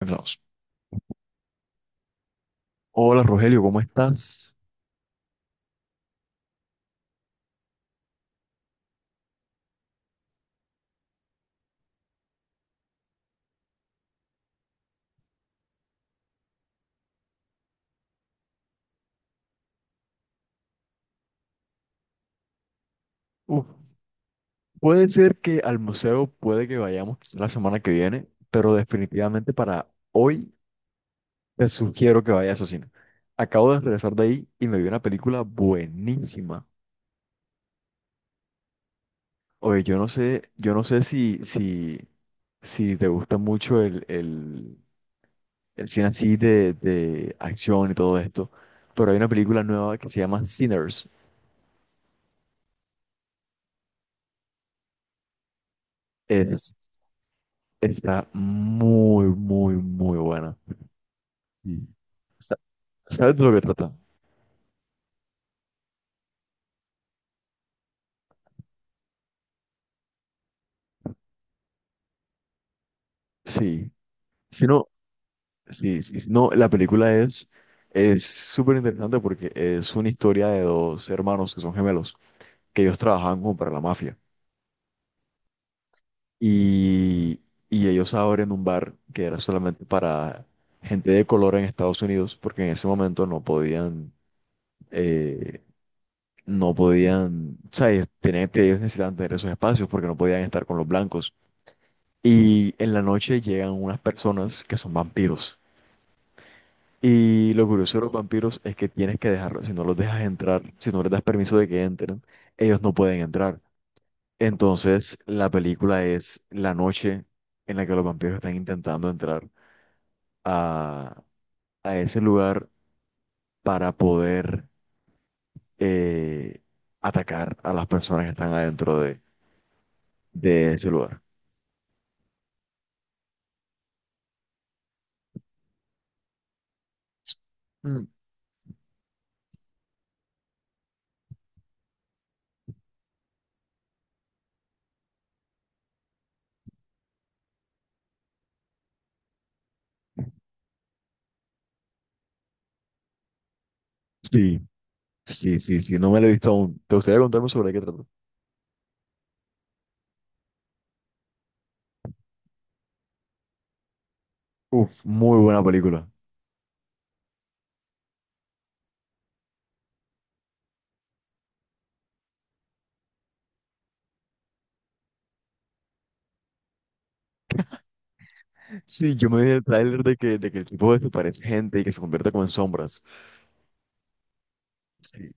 Empezamos. Hola Rogelio, ¿cómo estás? Uf, puede ser que al museo puede que vayamos quizá la semana que viene, pero definitivamente para hoy te sugiero que vayas a cine. Acabo de regresar de ahí y me vi una película buenísima. Oye, yo no sé, yo no sé si te gusta mucho el cine así de acción y todo esto, pero hay una película nueva que se llama Sinners. Es, está muy, muy, muy buena. Sí. Sa- ¿Sabes de lo que trata? Sí. Si no, sí, sí, sí. No, la película es súper interesante porque es una historia de dos hermanos que son gemelos, que ellos trabajaban como para la mafia. Y, y ellos abren un bar que era solamente para gente de color en Estados Unidos, porque en ese momento no podían, eh, no podían, o sea, ellos, tenían, ellos necesitaban tener esos espacios porque no podían estar con los blancos. Y en la noche llegan unas personas que son vampiros. Y lo curioso de los vampiros es que tienes que dejarlos. Si no los dejas entrar, si no les das permiso de que entren, ellos no pueden entrar. Entonces, la película es la noche en la que los vampiros están intentando entrar a, a ese lugar para poder eh, atacar a las personas que están adentro de ese lugar. Mm. Sí, sí, sí, sí. No me la he visto aún. ¿Te gustaría contarme sobre qué trata? Uf, muy buena película. Sí, yo me vi en el tráiler de que el tipo desaparece gente y que se convierte como en sombras. Sí.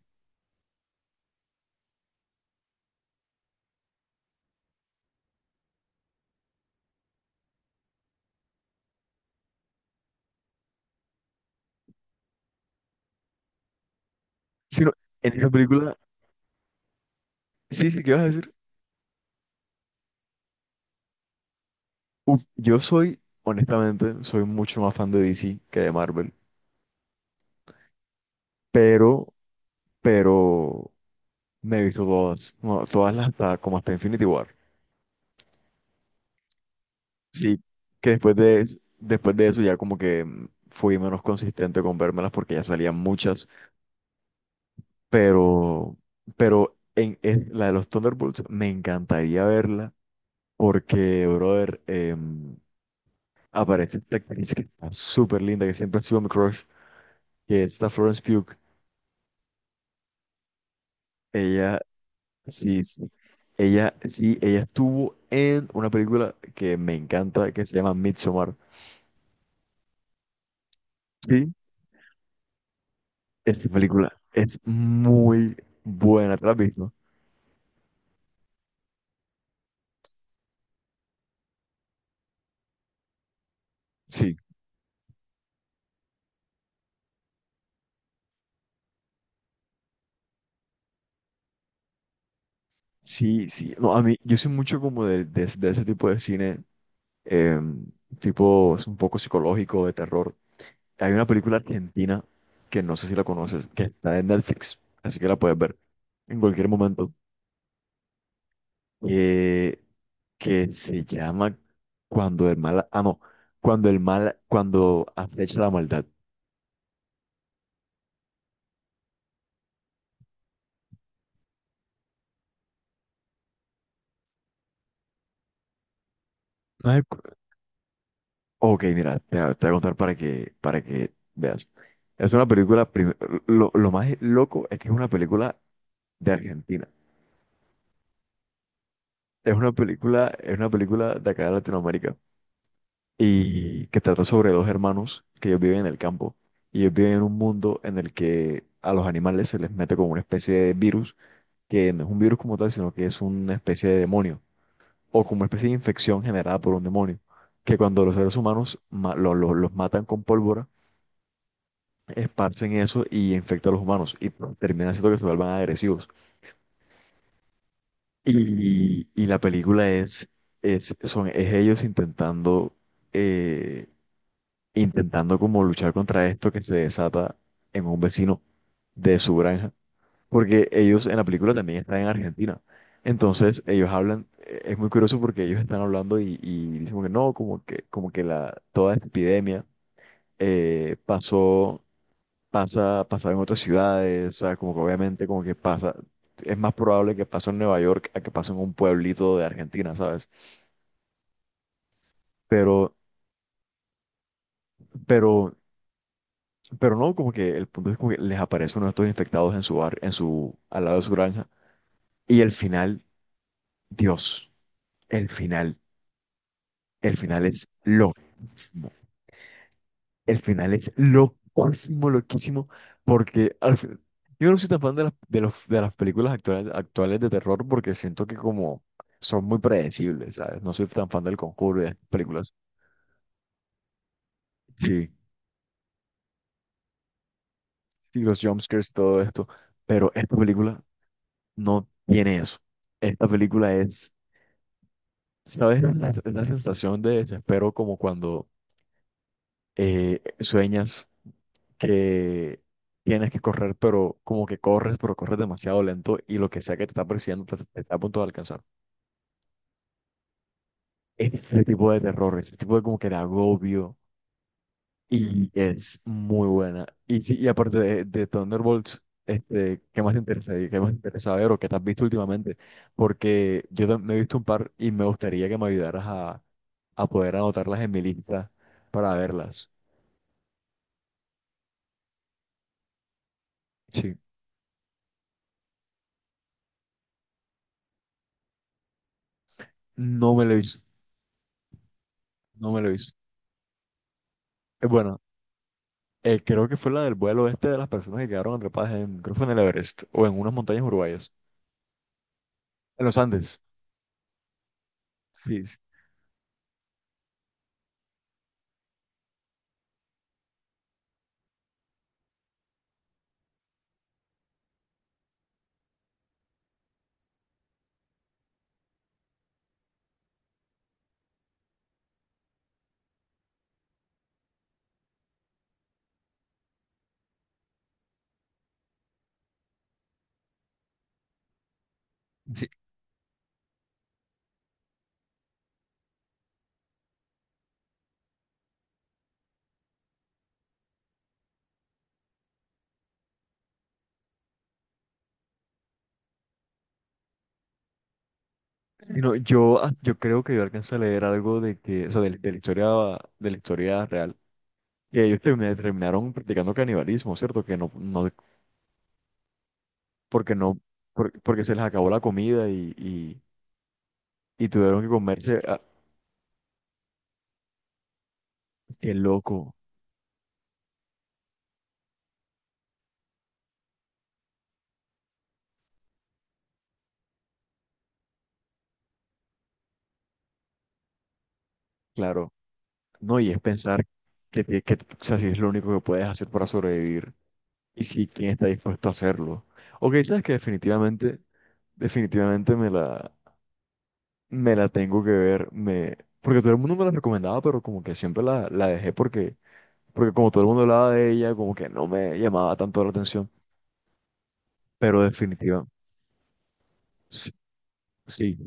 Sí, no, en esa película, sí, sí, ¿qué vas a decir? Uf, yo soy, honestamente, soy mucho más fan de DC que de Marvel, pero, pero me he visto todas, no, todas las hasta, como hasta Infinity War. Sí, que después de, después de eso ya como que fui menos consistente con vérmelas porque ya salían muchas, pero, pero en la de los Thunderbolts me encantaría verla. Porque, brother, aparece esta actriz que está súper linda, que siempre ha sido mi crush, que es esta Florence Pugh. Ella, sí, sí. Ella, sí, ella estuvo en una película que me encanta, que se llama Midsommar. Sí, esta película es muy buena, ¿te la has visto? Sí, sí, sí. No, a mí, yo soy mucho como de, de ese tipo de cine, em, tipo, es un poco psicológico, de terror. Hay una película argentina que no sé si la conoces, que está en Netflix, así que la puedes ver en cualquier momento, eh, que se llama Cuando el mal, ah, no, Cuando el mal, cuando acecha la maldad. Ay, cu- Ok, mira, voy a te voy a contar para que veas. Es una película, prim- lo más loco es que es una película de Argentina. Es una película de acá de Latinoamérica, y que trata sobre dos hermanos que ellos viven en el campo y ellos viven en un mundo en el que a los animales se les mete como una especie de virus, que no es un virus como tal, sino que es una especie de demonio o como una especie de infección generada por un demonio, que cuando los seres humanos los matan con pólvora, esparcen eso y infecta a los humanos y termina haciendo que se vuelvan agresivos. Y la película es, es ellos intentando... eh, intentando como luchar contra esto que se desata en un vecino de su granja, porque ellos en la película también están en Argentina. Entonces ellos hablan, es muy curioso porque ellos están hablando y dicen como que no, como que la, toda esta epidemia eh, pasó, pasa, pasaba en otras ciudades, o sea, como que obviamente como que pasa, es más probable que pase en Nueva York a que pase en un pueblito de Argentina, ¿sabes? Pero, pero Pero no, como que el punto es como que les aparece uno de estos infectados en su bar, en su, al lado de su granja. Y el final, Dios, el final, el final es loquísimo. El final es loquísimo, loquísimo, porque yo no soy tan fan de las, de las películas actuales, actuales de terror porque siento que como son muy predecibles, ¿sabes? No soy tan fan del Conjuro y de estas películas. Sí, y los jumpscares todo esto. Pero esta película no tiene eso. Esta película es. ¿Sabes? Es la sensación de desespero como cuando sueñas que tienes que correr, pero como que corres, pero corres demasiado lento y lo que sea que te está persiguiendo te está a punto de alcanzar. Ese tipo de terror, ese tipo de como que de agobio y es muy buena. Y sí, y aparte de Thunderbolts, este, ¿qué más te interesa? ¿Qué más te interesa ver o qué te has visto últimamente? Porque yo me he visto un par y me gustaría que me ayudaras a poder anotarlas en mi lista para verlas. Sí, no me lo he visto, no me lo he visto. Bueno, creo que fue la del vuelo este de las personas que quedaron atrapadas en, creo que fue en el Everest o en unas montañas uruguayas, en los Andes. Sí, sí. Sí. Y no, yo, ah, yo creo que yo alcancé a leer algo de que, o sea, de la historia real, que ellos terminaron practicando canibalismo, ¿cierto? Que no, no, porque no, porque se les acabó la comida y tuvieron que comerse, ah, qué loco. Claro. No, y es pensar que, que, o sea, si es lo único que puedes hacer para sobrevivir y si quién está dispuesto a hacerlo. Ok, sabes que definitivamente, definitivamente me la tengo que ver, me, porque todo el mundo me la recomendaba, pero como que siempre la, la dejé porque, porque como todo el mundo hablaba de ella, como que no me llamaba tanto la atención, pero definitiva, sí, sí,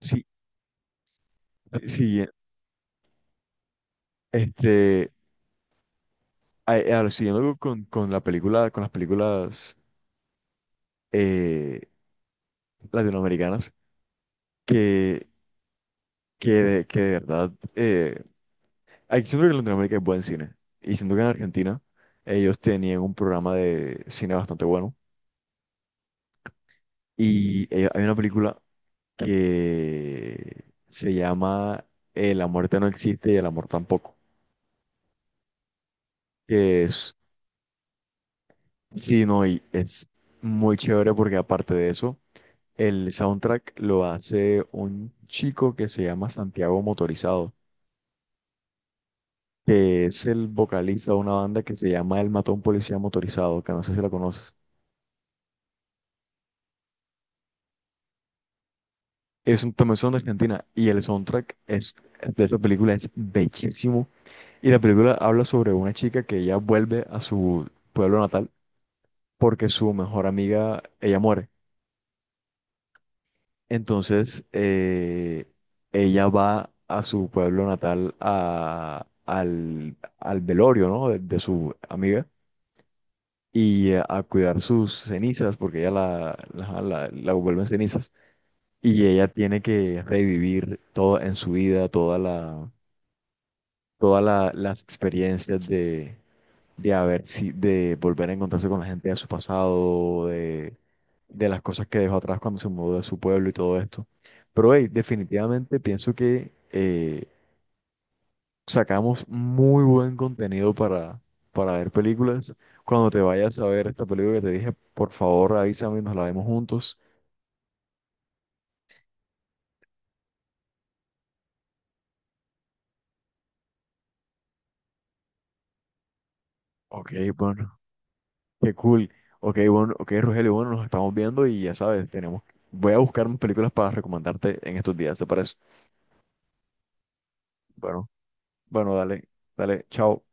sí, sí, sí, este, a- siguiendo con la película, con las películas eh, latinoamericanas, que, que, que de verdad, aquí siento que en Latinoamérica hay buen cine. Y siento que en Argentina ellos tenían un programa de cine bastante bueno. Y hay una película que se llama La muerte no existe y el amor tampoco. Que es, sí, no, y es muy chévere porque aparte de eso, el soundtrack lo hace un chico que se llama Santiago Motorizado, que es el vocalista de una banda que se llama El Matón Policía Motorizado, que no sé si la conoces. Es un también son de Argentina y el soundtrack es, de esa película es bellísimo. Y la película habla sobre una chica que ella vuelve a su pueblo natal porque su mejor amiga, ella muere. Entonces, ella va a su pueblo natal a, al, al velorio, ¿no?, de su amiga y a cuidar sus cenizas, porque ella la, la vuelve en cenizas, y ella tiene que revivir todo en su vida, toda la, las experiencias de haber, de volver a encontrarse con la gente de su pasado, de las cosas que dejó atrás cuando se mudó de su pueblo y todo esto. Pero hey, definitivamente pienso que sacamos muy buen contenido para ver películas. Cuando te vayas a ver esta película que te dije, por favor, avísame y nos la vemos juntos. Ok, bueno, qué cool. Ok, bueno, ok, Rogelio, bueno, nos estamos viendo y ya sabes, tenemos, voy a buscar más películas para recomendarte en estos días, ¿te parece? Bueno, bueno, dale, dale, chao.